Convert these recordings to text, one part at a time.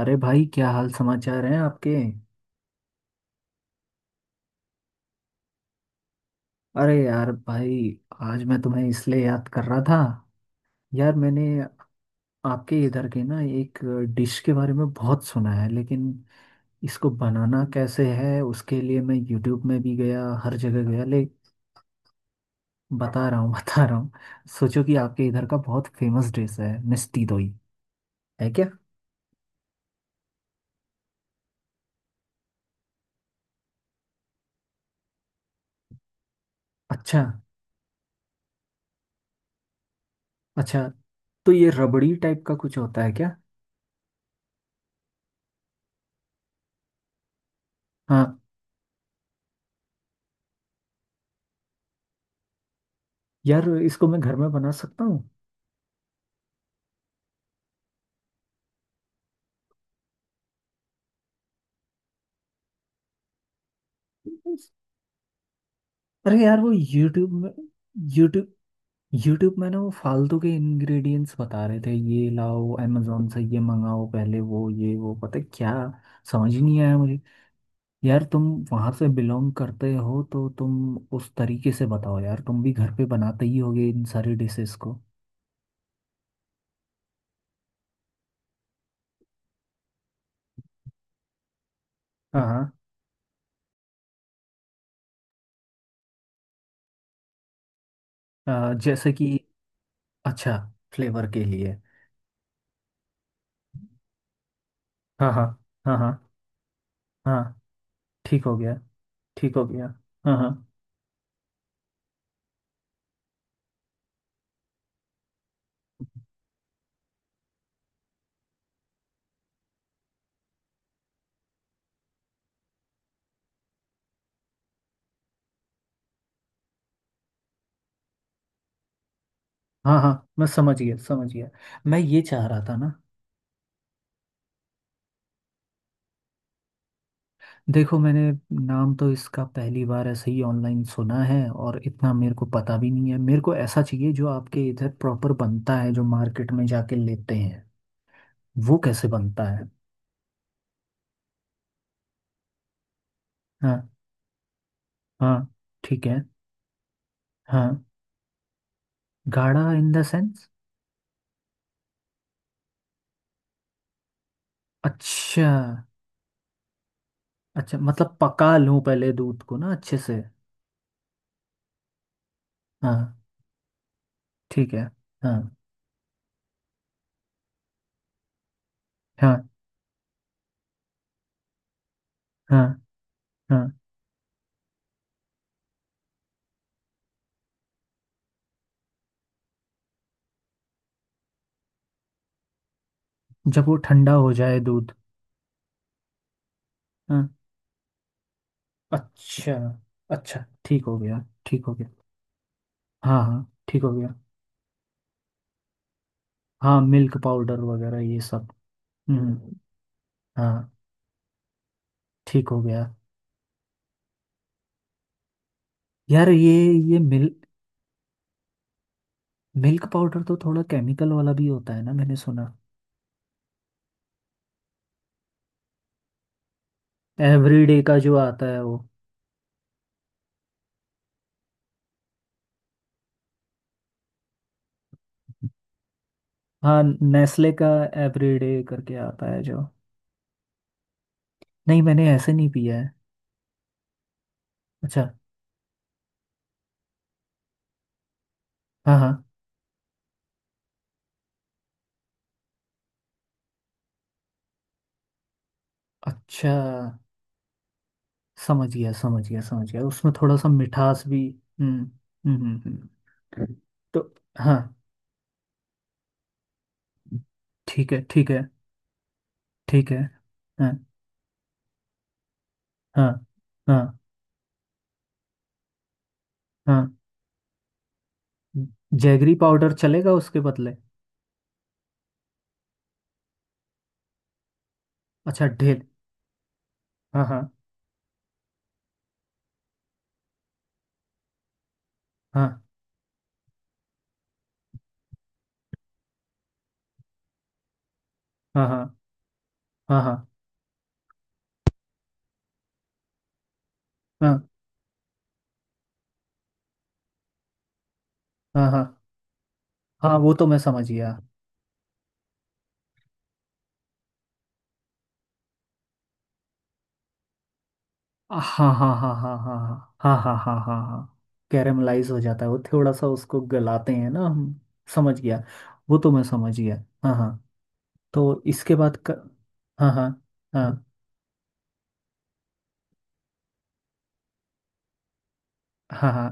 अरे भाई, क्या हाल समाचार हैं आपके। अरे यार भाई, आज मैं तुम्हें इसलिए याद कर रहा था। यार मैंने आपके इधर के ना एक डिश के बारे में बहुत सुना है, लेकिन इसको बनाना कैसे है उसके लिए मैं यूट्यूब में भी गया, हर जगह गया ले बता रहा हूँ बता रहा हूँ। सोचो कि आपके इधर का बहुत फेमस डिश है मिष्टी दोई, है क्या। अच्छा, अच्छा। तो ये रबड़ी टाइप का कुछ होता है क्या। हाँ, यार इसको मैं घर में बना सकता हूँ। अरे यार वो यूट्यूब यूट्यूब में ना वो फालतू के इंग्रेडिएंट्स बता रहे थे, ये लाओ अमेजोन से, ये मंगाओ पहले, वो ये वो, पता है क्या, समझ ही नहीं आया मुझे। यार तुम वहां से बिलोंग करते हो तो तुम उस तरीके से बताओ यार, तुम भी घर पे बनाते ही होगे इन सारी डिशेस को। हाँ हाँ। जैसे कि अच्छा, फ्लेवर के लिए। हाँ हाँ हाँ हाँ हाँ, ठीक हो गया, ठीक हो गया। हाँ हाँ हाँ हाँ, मैं समझ गया, समझ गया। मैं ये चाह रहा था ना। देखो मैंने नाम तो इसका पहली बार ऐसे ही ऑनलाइन सुना है, और इतना मेरे को पता भी नहीं है। मेरे को ऐसा चाहिए जो आपके इधर प्रॉपर बनता है, जो मार्केट में जाके लेते हैं। वो कैसे बनता है। हाँ हाँ। ठीक है। हाँ, गाढ़ा इन द सेंस। अच्छा, अच्छा मतलब पका लूं पहले दूध को ना अच्छे से। हाँ, ठीक है। हाँ हाँ हाँ हाँ। जब वो ठंडा हो जाए दूध। हाँ, अच्छा, अच्छा ठीक हो गया, ठीक हो गया। हाँ हाँ, ठीक हो गया। हाँ, मिल्क पाउडर वगैरह ये सब। हम्म। हाँ, ठीक हो गया। यार ये मिल मिल्क पाउडर तो थोड़ा केमिकल वाला भी होता है ना, मैंने सुना एवरीडे का जो आता है वो। हाँ, नेस्ले का एवरीडे करके आता है जो। नहीं, मैंने ऐसे नहीं पिया है। अच्छा। हाँ हाँ। अच्छा, समझ गया, समझ गया, समझ गया, उसमें थोड़ा सा मिठास भी। हम्म हम्म। हम्म। तो हाँ ठीक है, ठीक है, ठीक है। हाँ हाँ हाँ हाँ। जैगरी पाउडर चलेगा उसके बदले। अच्छा ढेल, हाँ हाँ। हाँ हाँ हाँ हाँ हाँ हाँ हाँ हाँ हाँ। वो तो मैं समझ गया। हाँ हाँ हाँ हाँ हाँ हाँ हाँ हाँ हाँ हाँ हाँ। कैरेमलाइज हो जाता है वो, थोड़ा सा उसको गलाते हैं ना हम। समझ गया, वो तो मैं समझ गया। हाँ हाँ। तो इसके बाद क हाँ हाँ हाँ हाँ हाँ।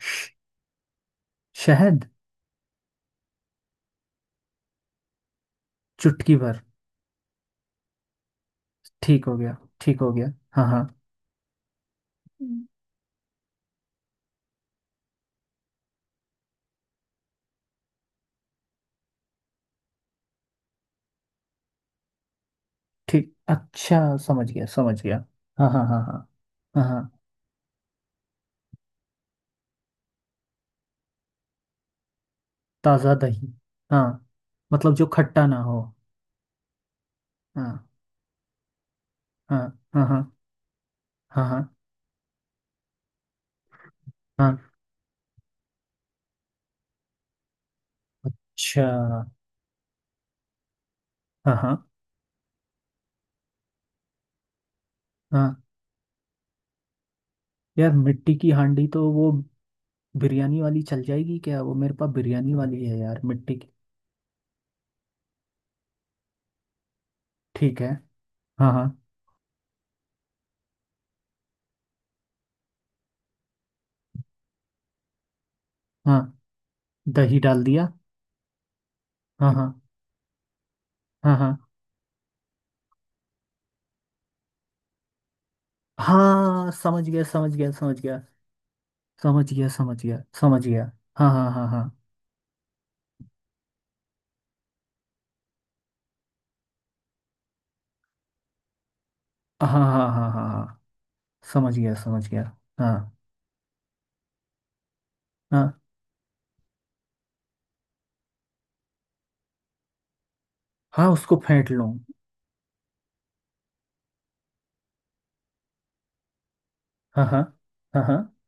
श- शहद, चुटकी भर। ठीक हो गया, ठीक हो गया। हाँ हाँ। ठीक, अच्छा, समझ गया, समझ गया। हाँ हाँ हाँ हाँ हाँ हाँ। ताज़ा दही, हाँ, मतलब जो खट्टा ना हो। हाँ हाँ हाँ। हाँ हाँ हाँ हाँ। अच्छा। हाँ हाँ हाँ। यार मिट्टी की हांडी तो वो बिरयानी वाली चल जाएगी क्या, वो मेरे पास बिरयानी वाली है यार मिट्टी की। ठीक है। हाँ हाँ। हाँ, दही डाल दिया। हाँ हाँ हाँ हाँ हाँ। समझ गया, समझ गया, समझ गया, समझ गया, समझ गया, समझ गया। हाँ हाँ हाँ हाँ हाँ हाँ हाँ हाँ हाँ। समझ गया, समझ गया। हाँ। हाँ, हाँ, उसको फेंट लो। हाँ हाँ हाँ हाँ।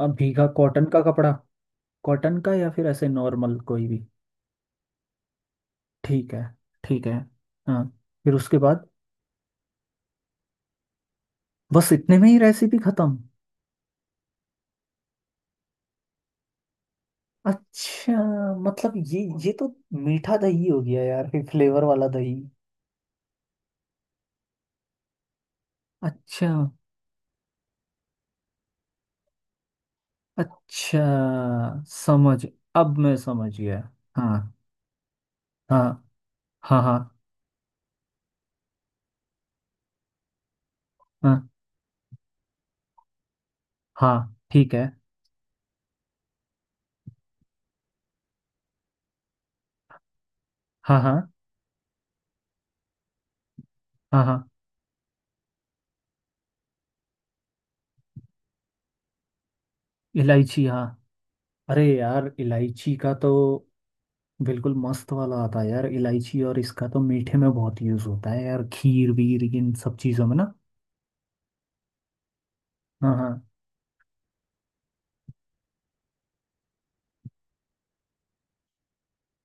अब भीगा कॉटन का कपड़ा, कॉटन का या फिर ऐसे नॉर्मल कोई भी। ठीक है, ठीक है। हाँ। फिर उसके बाद बस इतने में ही रेसिपी खत्म। अच्छा मतलब ये तो मीठा दही हो गया यार, फिर फ्लेवर वाला दही। अच्छा, अच्छा, समझ, अब मैं समझ गया। हाँ हाँ हाँ। हाँ हाँ हाँ, ठीक है। हाँ हाँ हाँ हाँ। इलायची, हाँ। अरे यार इलायची का तो बिल्कुल मस्त वाला आता है यार, इलायची और इसका तो मीठे में बहुत यूज होता है यार, खीर वीर इन सब चीजों में ना। हाँ हाँ।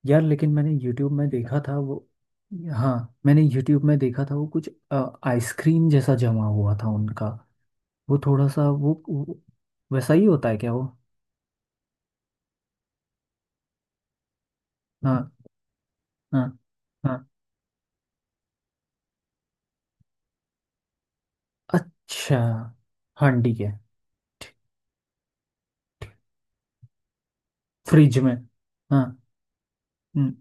यार लेकिन मैंने YouTube में देखा था वो, हाँ, मैंने YouTube में देखा था वो कुछ आइसक्रीम जैसा जमा हुआ था उनका, वो थोड़ा सा वो वैसा ही होता है क्या वो। हाँ हाँ हाँ। अच्छा, हाँ ठीक है। फ्रिज में, हाँ। हम्म,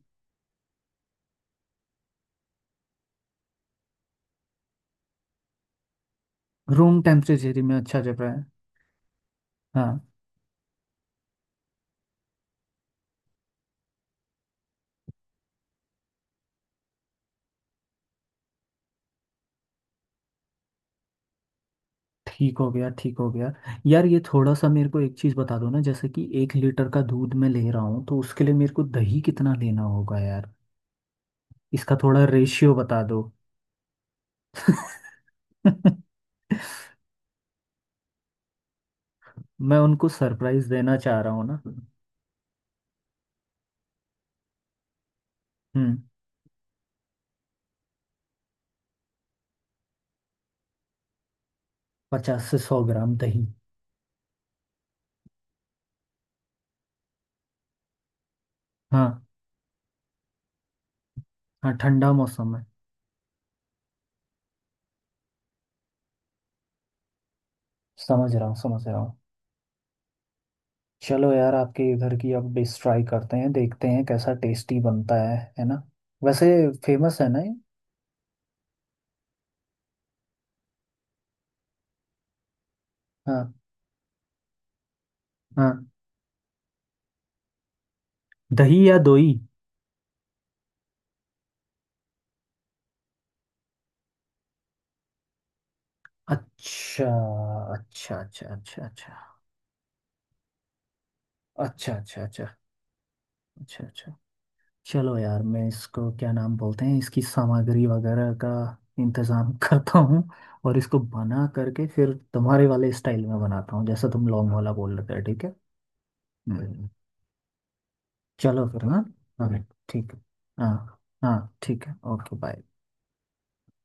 रूम टेम्परेचर में अच्छा जम रहा है। हाँ, ठीक हो गया, ठीक हो गया। यार ये थोड़ा सा मेरे को एक चीज़ बता दो ना, जैसे कि 1 लीटर का दूध मैं ले रहा हूँ, तो उसके लिए मेरे को दही कितना लेना होगा यार, इसका थोड़ा रेशियो बता दो। मैं उनको सरप्राइज देना चाह रहा हूँ ना। हम्म, 50 से 100 ग्राम दही। हाँ हाँ, ठंडा मौसम है। समझ रहा हूँ, समझ रहा हूँ। चलो यार, आपके इधर की अब डिश ट्राई करते हैं, देखते हैं कैसा टेस्टी बनता है ना। वैसे फेमस है ना ये। हाँ हाँ। दही या दोई। अच्छा, अच्छा, अच्छा, अच्छा, अच्छा, अच्छा, अच्छा, अच्छा, अच्छा, अच्छा। चलो यार, मैं इसको क्या नाम बोलते हैं इसकी सामग्री वगैरह का इंतजाम करता हूँ, और इसको बना करके फिर तुम्हारे वाले स्टाइल में बनाता हूँ, जैसा तुम लॉन्ग वाला बोल रहे थे, ठीक है। हम्म, चलो फिर, हाँ। हाँ ठीक है। हाँ हाँ, ठीक है, ओके, बाय।